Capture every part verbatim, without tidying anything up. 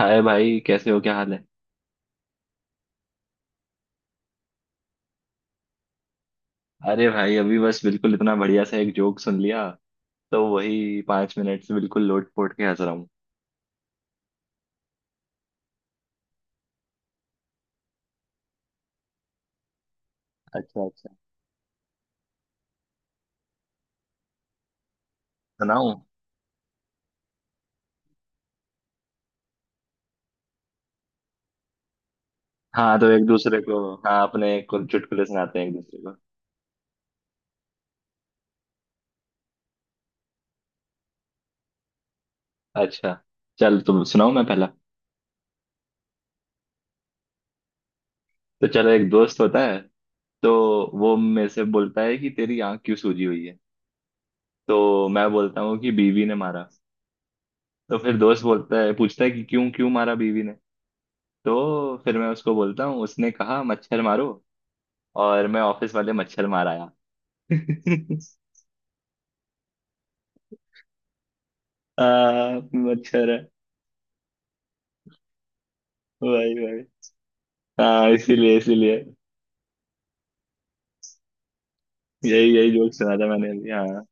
हाय भाई, कैसे हो? क्या हाल है? अरे भाई अभी बस बिल्कुल इतना बढ़िया सा एक जोक सुन लिया। तो वही पांच मिनट से बिल्कुल लोट पोट के हंस रहा हूँ। अच्छा अच्छा, सुनाऊं? हाँ तो एक दूसरे को। हाँ अपने को चुटकुले सुनाते हैं एक दूसरे को। अच्छा, चल तुम सुनाओ, मैं पहला। तो चलो, एक दोस्त होता है। तो वो मेरे से बोलता है कि तेरी आंख क्यों सूजी हुई है। तो मैं बोलता हूँ कि बीवी ने मारा। तो फिर दोस्त बोलता है, पूछता है कि क्यों क्यों मारा बीवी ने। तो फिर मैं उसको बोलता हूँ, उसने कहा मच्छर मारो और मैं ऑफिस वाले मच्छर मार आया। आ, मच्छर है। भाई भाई। हाँ इसीलिए इसीलिए। यही यही जोक सुना था मैंने अभी, हाँ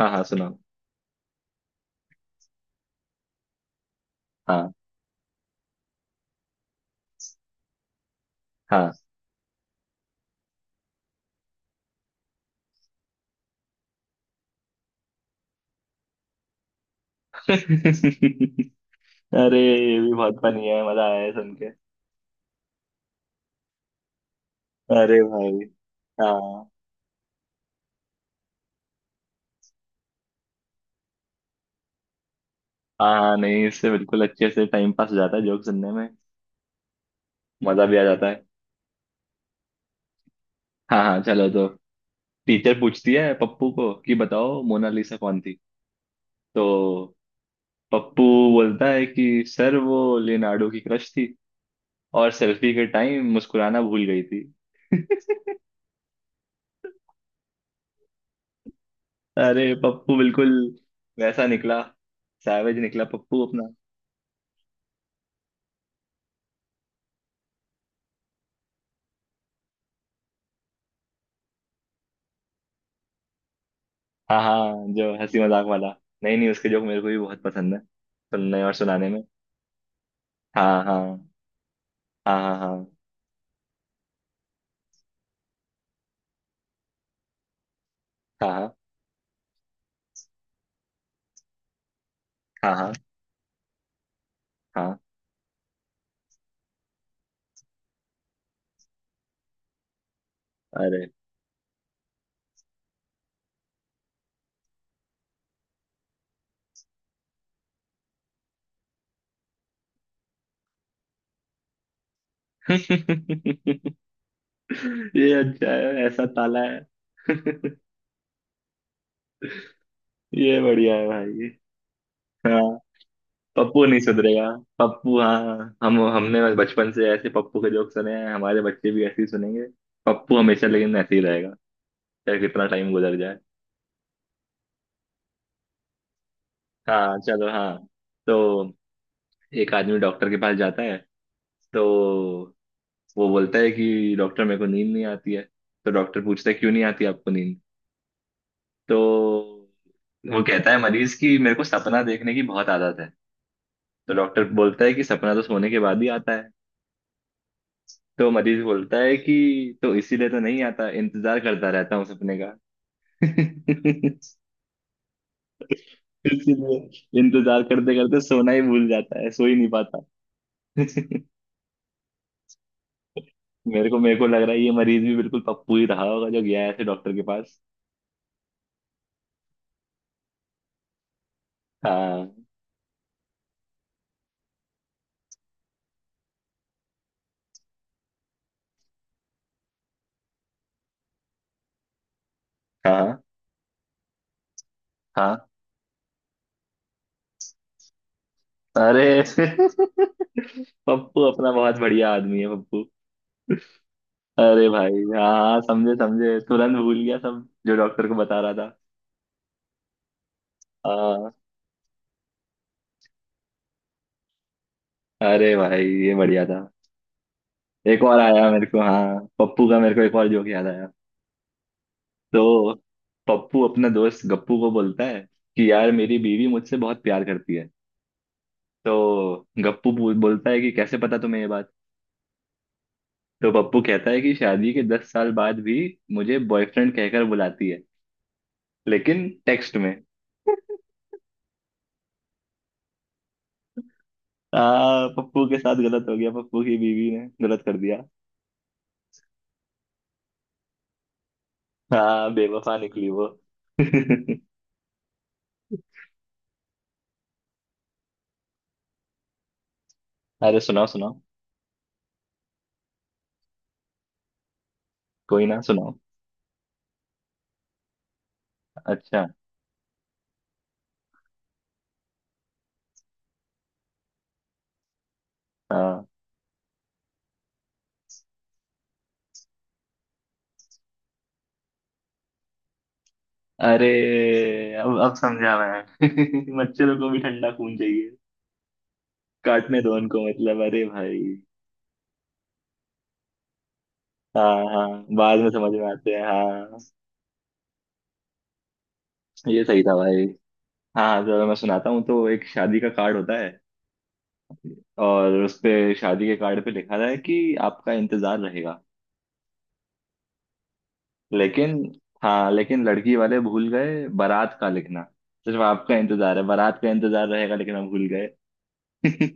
हाँ हाँ, सुना। हाँ हाँ। अरे ये भी बहुत फनी है, मजा आया है सुन के। अरे भाई। हाँ। हाँ नहीं, इससे बिल्कुल अच्छे से टाइम पास हो जाता है जोक सुनने में। मजा भी आ जाता है। हाँ हाँ, चलो तो। टीचर पूछती है पप्पू को कि बताओ मोनालिसा कौन थी। तो पप्पू बोलता है कि सर, वो लियोनार्डो की क्रश थी और सेल्फी के टाइम मुस्कुराना भूल गई थी। अरे पप्पू बिल्कुल वैसा निकला। सैवेज निकला पप्पू अपना। हाँ हाँ, जो हंसी मजाक वाला। नहीं नहीं, उसके जोक मेरे को भी बहुत पसंद है सुनने और सुनाने में। हाँ हाँ हाँ। हाँ हाँ हाँ। हाँ हाँ। हाँ हाँ, अरे ये अच्छा है, ऐसा ताला है। ये बढ़िया है भाई। हाँ। पप्पू नहीं सुधरेगा। पप्पू, हाँ। हम हमने बस बचपन से ऐसे पप्पू के जोक सुने हैं, हमारे बच्चे भी ऐसे ही सुनेंगे। पप्पू हमेशा लेकिन ऐसे ही रहेगा, चाहे कितना टाइम गुजर जाए। हाँ, चलो हाँ। तो एक आदमी डॉक्टर के पास जाता है। तो वो बोलता है कि डॉक्टर, मेरे को नींद नहीं आती है। तो डॉक्टर पूछता है क्यों नहीं आती आपको नींद। तो वो कहता है, मरीज की, मेरे को सपना देखने की बहुत आदत है। तो डॉक्टर बोलता है कि सपना तो सोने के बाद ही आता है। तो मरीज बोलता है कि तो इसीलिए तो नहीं आता, इंतजार करता रहता हूँ सपने का। इसीलिए इंतजार करते करते सोना ही भूल जाता है, सो ही नहीं पाता। मेरे को मेरे को लग रहा है ये मरीज भी बिल्कुल पप्पू ही रहा होगा जो गया है ऐसे डॉक्टर के पास। हाँ हाँ हाँ। अरे पप्पू अपना बहुत बढ़िया आदमी है, पप्पू। अरे भाई, हाँ हाँ, समझे समझे, तुरंत भूल गया सब जो डॉक्टर को बता रहा था। हाँ। अरे भाई, ये बढ़िया था। एक और आया मेरे को, हाँ, पप्पू का मेरे को एक और जोक याद आया। तो पप्पू अपने दोस्त गप्पू को बोलता है कि यार, मेरी बीवी मुझसे बहुत प्यार करती है। तो गप्पू बो- बोलता है कि कैसे पता तुम्हें ये बात। तो पप्पू कहता है कि शादी के दस साल बाद भी मुझे बॉयफ्रेंड कहकर बुलाती है, लेकिन टेक्स्ट में। हाँ, पप्पू के साथ गलत हो गया, पप्पू की बीवी ने गलत कर दिया। हाँ, बेवफा निकली वो। अरे सुनाओ सुनाओ, कोई ना सुनाओ। अच्छा। हाँ। अरे, अब अब समझा मैं। मच्छरों को भी ठंडा खून चाहिए, काटने दो उनको, मतलब अरे भाई। हाँ हाँ, बाद में समझ में आते हैं, हाँ। ये सही था भाई। हाँ जरा मैं सुनाता हूँ। तो एक शादी का कार्ड होता है और उस पे, शादी के कार्ड पे लिखा रहा है कि आपका इंतजार रहेगा, लेकिन, हाँ, लेकिन लड़की वाले भूल गए बारात का लिखना। सिर्फ आपका इंतजार है, बारात का इंतजार रहेगा लेकिन हम भूल गए।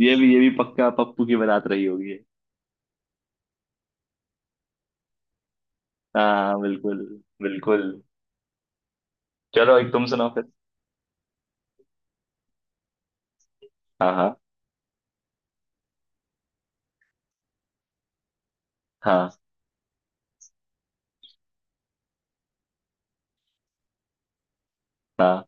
ये भी ये भी पक्का पप्पू की बारात रही होगी। हाँ बिल्कुल। बिल्कुल। चलो, एक तुम सुनाओ फिर। हाँ हाँ। हाँ हाँ।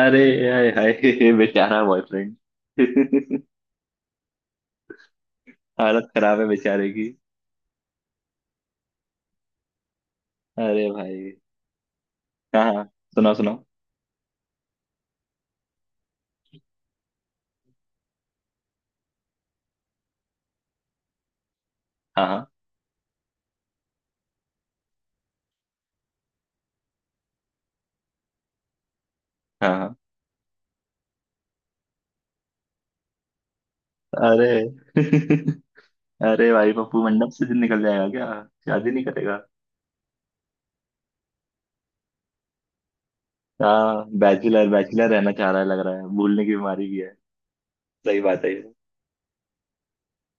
अरे, हाय हाय। बेचारा बॉयफ्रेंड। हालत खराब है बेचारे की। अरे भाई। हाँ हाँ, सुनाओ सुनाओ। हाँ हाँ। हाँ हाँ। अरे अरे भाई पप्पू मंडप से दिन निकल जाएगा क्या? शादी नहीं करेगा। हाँ, बैचलर बैचलर रहना चाह रहा है लग रहा है, भूलने की बीमारी भी है। सही बात है।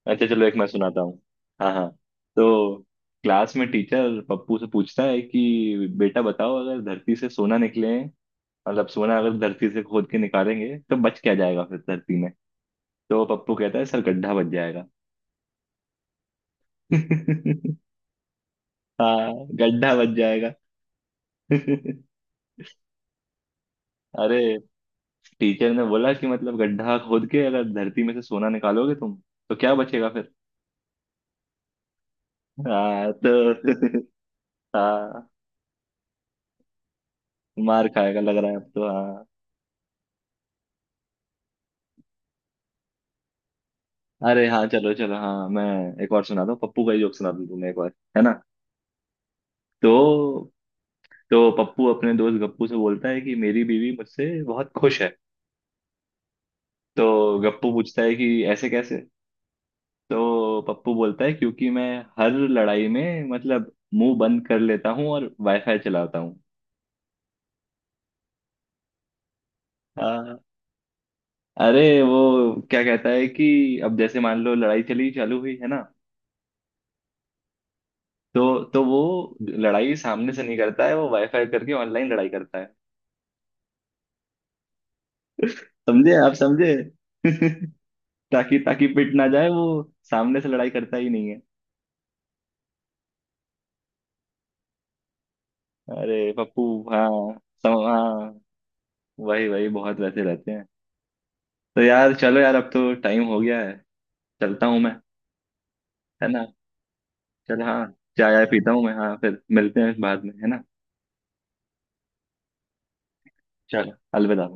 अच्छा चलो, एक मैं सुनाता हूँ। हाँ हाँ। तो क्लास में टीचर पप्पू से पूछता है कि बेटा बताओ, अगर धरती से सोना निकले, मतलब सोना अगर धरती से खोद के निकालेंगे तो बच क्या जाएगा फिर धरती में। तो पप्पू कहता है, सर गड्ढा बच जाएगा। हाँ गड्ढा बच जाएगा। अरे, टीचर ने बोला कि मतलब गड्ढा खोद के अगर धरती में से सोना निकालोगे तुम तो क्या बचेगा फिर। हाँ तो हाँ मार खाएगा लग रहा है अब तो, हाँ। अरे हाँ चलो चलो, हाँ, मैं एक और सुना दूं, पप्पू का ही जोक सुना दूं तुम्हें एक बार, है ना? तो तो पप्पू अपने दोस्त गप्पू से बोलता है कि मेरी बीवी मुझसे बहुत खुश है। तो गप्पू पूछता है कि ऐसे कैसे। तो पप्पू बोलता है क्योंकि मैं हर लड़ाई में मतलब मुंह बंद कर लेता हूँ और वाईफाई चलाता हूँ। हाँ, अरे वो क्या कहता है कि अब जैसे मान लो लड़ाई चली, चालू हुई है ना, तो तो वो लड़ाई सामने से नहीं करता है, वो वाईफाई करके ऑनलाइन लड़ाई करता है। समझे आप? समझे? ताकि ताकि पिट ना जाए वो, सामने से लड़ाई करता ही नहीं है। अरे पप्पू। हाँ सम, हाँ, वही वही बहुत वैसे रहते हैं। तो यार चलो यार, अब तो टाइम हो गया है, चलता हूँ मैं, है ना? चलो हाँ, चाय आय पीता हूँ मैं, हाँ फिर मिलते हैं बाद में, है ना? चलो अलविदा।